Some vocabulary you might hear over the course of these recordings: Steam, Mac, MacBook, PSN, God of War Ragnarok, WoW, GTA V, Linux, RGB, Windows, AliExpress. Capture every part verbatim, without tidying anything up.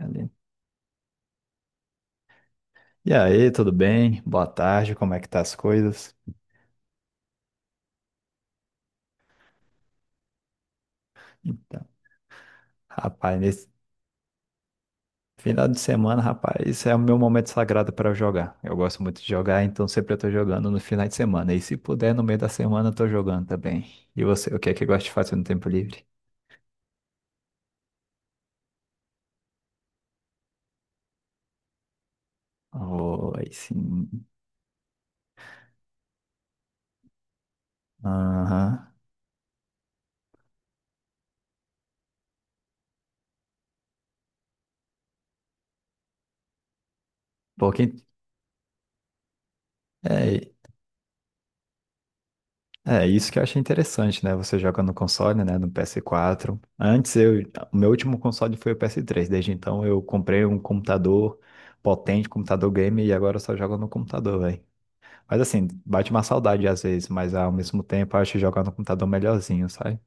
Ali. E aí, tudo bem? Boa tarde, como é que tá as coisas? Então, rapaz, nesse final de semana, rapaz, isso é o meu momento sagrado para jogar. Eu gosto muito de jogar, então sempre eu tô jogando no final de semana. E se puder, no meio da semana eu tô jogando também. E você, o que é que gosta de fazer no tempo livre? Oi, sim. Aham. Pouquinho. É, É, isso que eu achei interessante, né? Você joga no console, né? No P S quatro. Antes, eu, o meu último console foi o P S três. Desde então, eu comprei um computador potente, computador game, e agora eu só jogo no computador, velho. Mas assim, bate uma saudade às vezes, mas ao mesmo tempo, eu acho jogar no computador melhorzinho, sabe?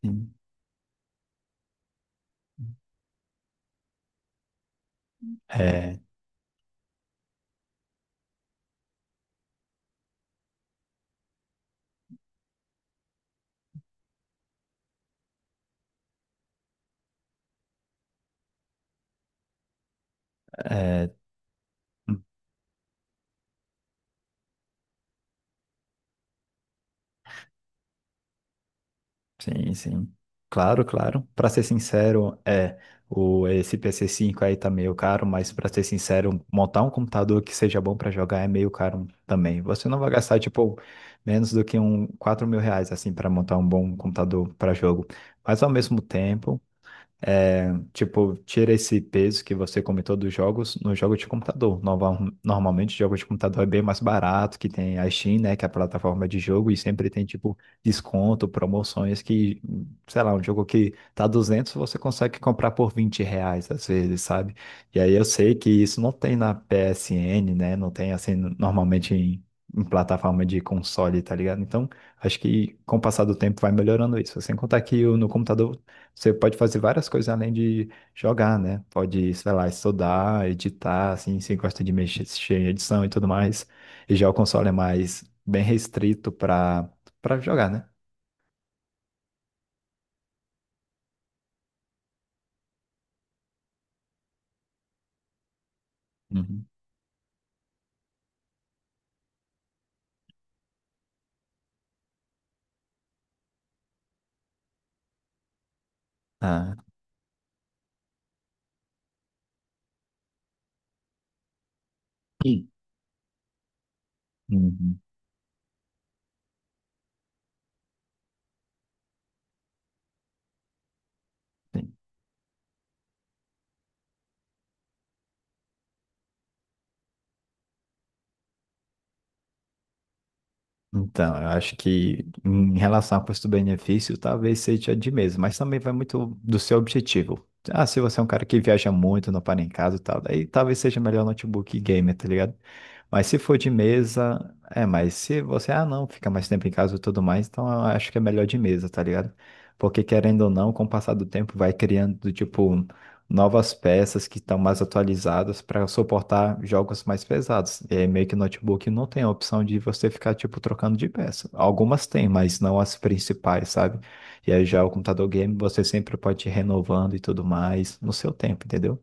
Sim. É, é. Sim, sim. Claro, claro. Para ser sincero, é o esse pc cinco aí tá meio caro, mas para ser sincero, montar um computador que seja bom para jogar é meio caro também. Você não vai gastar tipo menos do que um quatro mil reais assim para montar um bom computador para jogo. Mas ao mesmo tempo é, tipo, tira esse peso que você comentou dos jogos no jogo de computador. Nova- Normalmente, jogo de computador é bem mais barato, que tem a Steam, né, que é a plataforma de jogo, e sempre tem, tipo, desconto, promoções que, sei lá, um jogo que tá duzentos você consegue comprar por vinte reais, às vezes, sabe? E aí eu sei que isso não tem na P S N, né, não tem, assim, normalmente em, em plataforma de console, tá ligado? Então, acho que com o passar do tempo vai melhorando isso. Sem contar que o- no computador você pode fazer várias coisas além de jogar, né? Pode, sei lá, estudar, editar, assim, se gosta de mexer mexer em edição e tudo mais. E já o console é mais bem restrito para para jogar, né? Uhum. Ah. Sim. Uhum. Então, eu acho que em relação ao custo-benefício, talvez seja de mesmo, mas também vai muito do seu objetivo. Ah, se você é um cara que viaja muito, não para em casa e tal, daí talvez seja melhor notebook gamer, tá ligado? Mas se for de mesa, é, mas se você, ah, não, fica mais tempo em casa e tudo mais, então eu acho que é melhor de mesa, tá ligado? Porque querendo ou não, com o passar do tempo vai criando, tipo, novas peças que estão mais atualizadas para suportar jogos mais pesados. É meio que notebook não tem a opção de você ficar tipo trocando de peça. Algumas tem, mas não as principais, sabe? E aí já o computador game você sempre pode ir renovando e tudo mais no seu tempo, entendeu?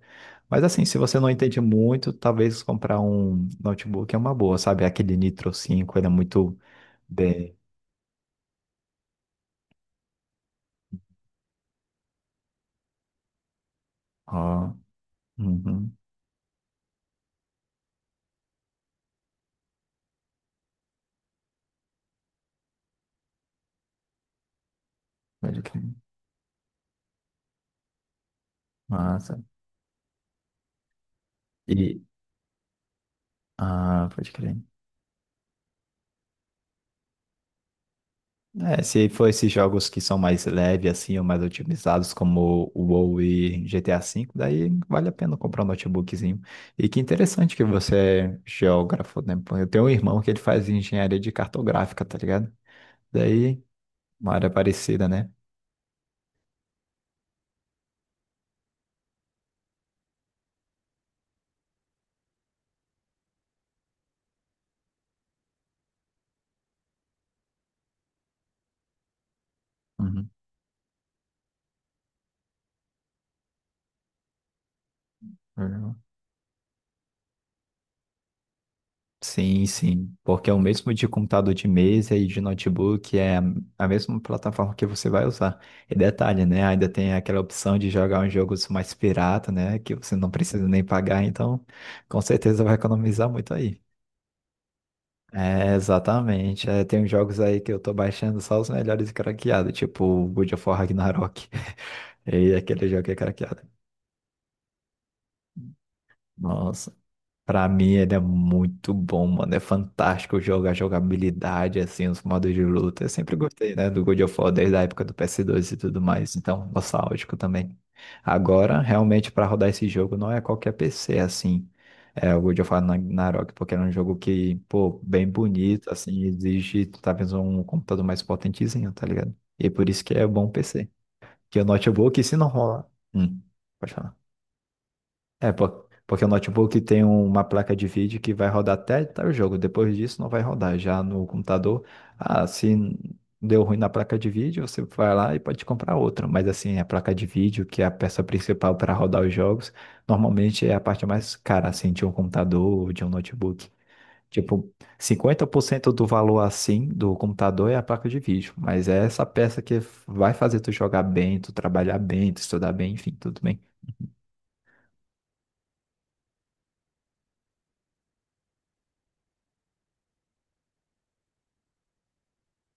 Mas assim, se você não entende muito, talvez comprar um notebook é uma boa, sabe? Aquele Nitro cinco ele é muito bem. Ó, uhum, pode crer. Massa. E, ah, pode crer. É, se for esses jogos que são mais leves, assim, ou mais otimizados, como o WoW e G T A V, daí vale a pena comprar um notebookzinho. E que interessante que você é geógrafo, né? Pô, Eu tenho um irmão que ele faz engenharia de cartográfica, tá ligado? Daí, uma área parecida, né? Uhum. É. Sim, sim, porque é o mesmo de computador de mesa e de notebook, é a a mesma plataforma que você vai usar. E detalhe, né? Ainda tem aquela opção de jogar uns jogos mais pirata, né? Que você não precisa nem pagar, então com certeza vai economizar muito aí. É, exatamente. É, tem uns jogos aí que eu tô baixando só os melhores craqueados, tipo God of War Ragnarok. E aquele jogo que é craqueado. Nossa. Pra mim ele é muito bom, mano. É fantástico jogar a jogabilidade, assim, os modos de luta. Eu sempre gostei, né, do God of War desde a época do P S dois e tudo mais. Então, nostálgico também. Agora, realmente, pra rodar esse jogo não é qualquer P C, assim. É o God of War Ragnarok, porque era um jogo que, pô, bem bonito, assim, exige talvez um computador mais potentezinho, tá ligado? E é por isso que é bom P C. Que o notebook, se não rolar. Hum, pode falar. É, po- porque o notebook tem uma placa de vídeo que vai rodar até tal jogo. Depois disso não vai rodar. Já no computador, ah, se deu ruim na placa de vídeo, você vai lá e pode comprar outra. Mas assim, a placa de vídeo, que é a peça principal para rodar os jogos, normalmente é a parte mais cara, assim, de um computador ou de um notebook. Tipo, cinquenta por cento do valor assim do computador é a placa de vídeo. Mas é essa peça que vai fazer tu jogar bem, tu trabalhar bem, tu estudar bem, enfim, tudo bem.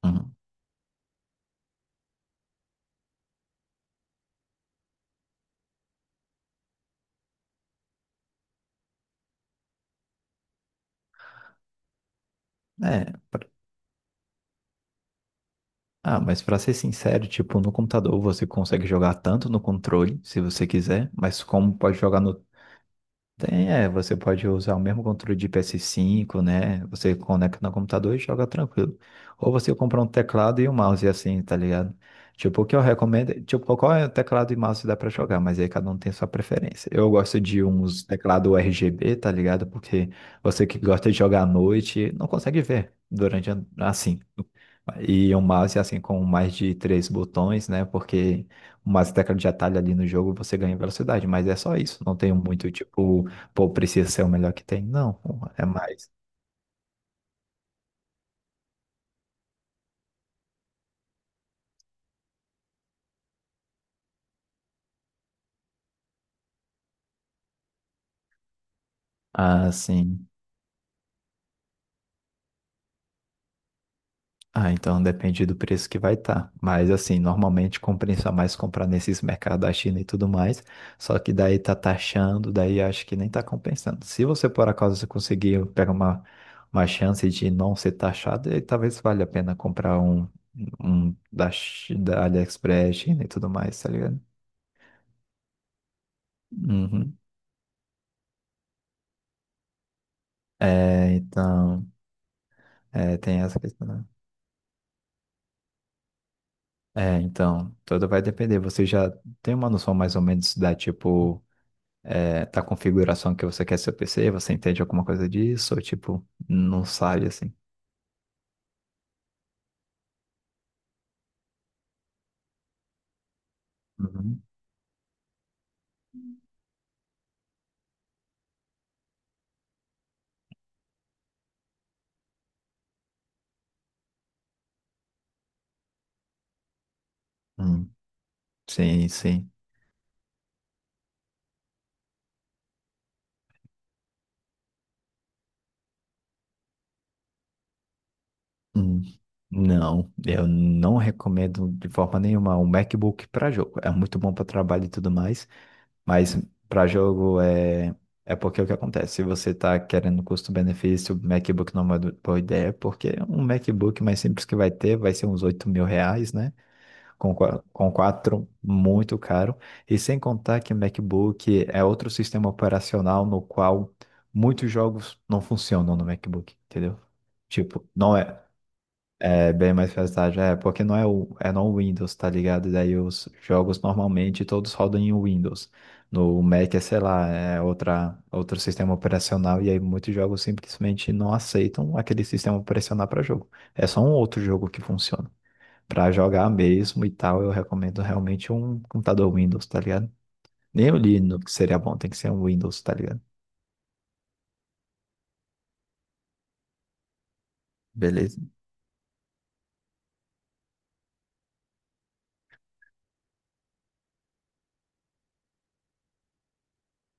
Uhum. É, Ah, mas pra ser sincero, tipo, no computador você consegue jogar tanto no controle, se você quiser, mas como pode jogar no tem, é, você pode usar o mesmo controle de P S cinco, né? Você conecta no computador e joga tranquilo. Ou você compra um teclado e um mouse assim, tá ligado? Tipo, o que eu recomendo, é- tipo, qual é o teclado e mouse que dá pra jogar, mas aí cada um tem sua preferência. Eu gosto de uns teclado R G B, tá ligado? Porque você que gosta de jogar à noite não consegue ver durante a- assim. E um mouse assim com mais de três botões, né? Porque o mouse e teclado de atalho ali no jogo você ganha velocidade, mas é só isso. Não tem muito tipo. Pô, precisa ser o melhor que tem? Não, pô, é mais. Ah, sim. Ah, então depende do preço que vai estar. Mas assim, normalmente compensa mais comprar nesses mercados da China e tudo mais. Só que daí tá taxando, daí acho que nem tá compensando. Se você por acaso conseguir pegar uma, uma chance de não ser taxado, aí talvez valha a pena comprar um, um da, Chi- da AliExpress, China e tudo mais, tá ligado? Uhum. É, então, é, tem essa questão, né? É, então, tudo vai depender. Você já tem uma noção mais ou menos da, tipo, é, da configuração que você quer seu P C? Você entende alguma coisa disso? Ou, tipo, não sabe, assim? Uhum. Hum, sim, sim. Hum. Não, eu não recomendo de forma nenhuma um MacBook para jogo. É muito bom para trabalho e tudo mais, mas para jogo é, é porque é o que acontece? Se você está querendo custo-benefício, o MacBook não é uma do- boa ideia, porque um MacBook mais simples que vai ter vai ser uns oito mil reais, né? Com, qua- com quatro, muito caro. E sem contar que o MacBook é outro sistema operacional no qual muitos jogos não funcionam no MacBook, entendeu? Tipo, não é, é bem mais versátil, é, porque não é, o, é no Windows, tá ligado? E daí os jogos normalmente todos rodam em Windows. No Mac é, sei lá, é outra, outro sistema operacional, e aí muitos jogos simplesmente não aceitam aquele sistema operacional para jogo. É só um outro jogo que funciona. Para jogar mesmo e tal, eu recomendo realmente um computador Windows, tá ligado? Nem o Linux seria bom, tem que ser um Windows, tá ligado? Beleza?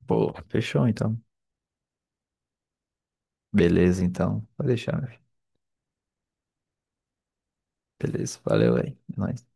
Pô, fechou então. Beleza então, vou deixar, meu filho. Beleza, valeu aí. É nóis.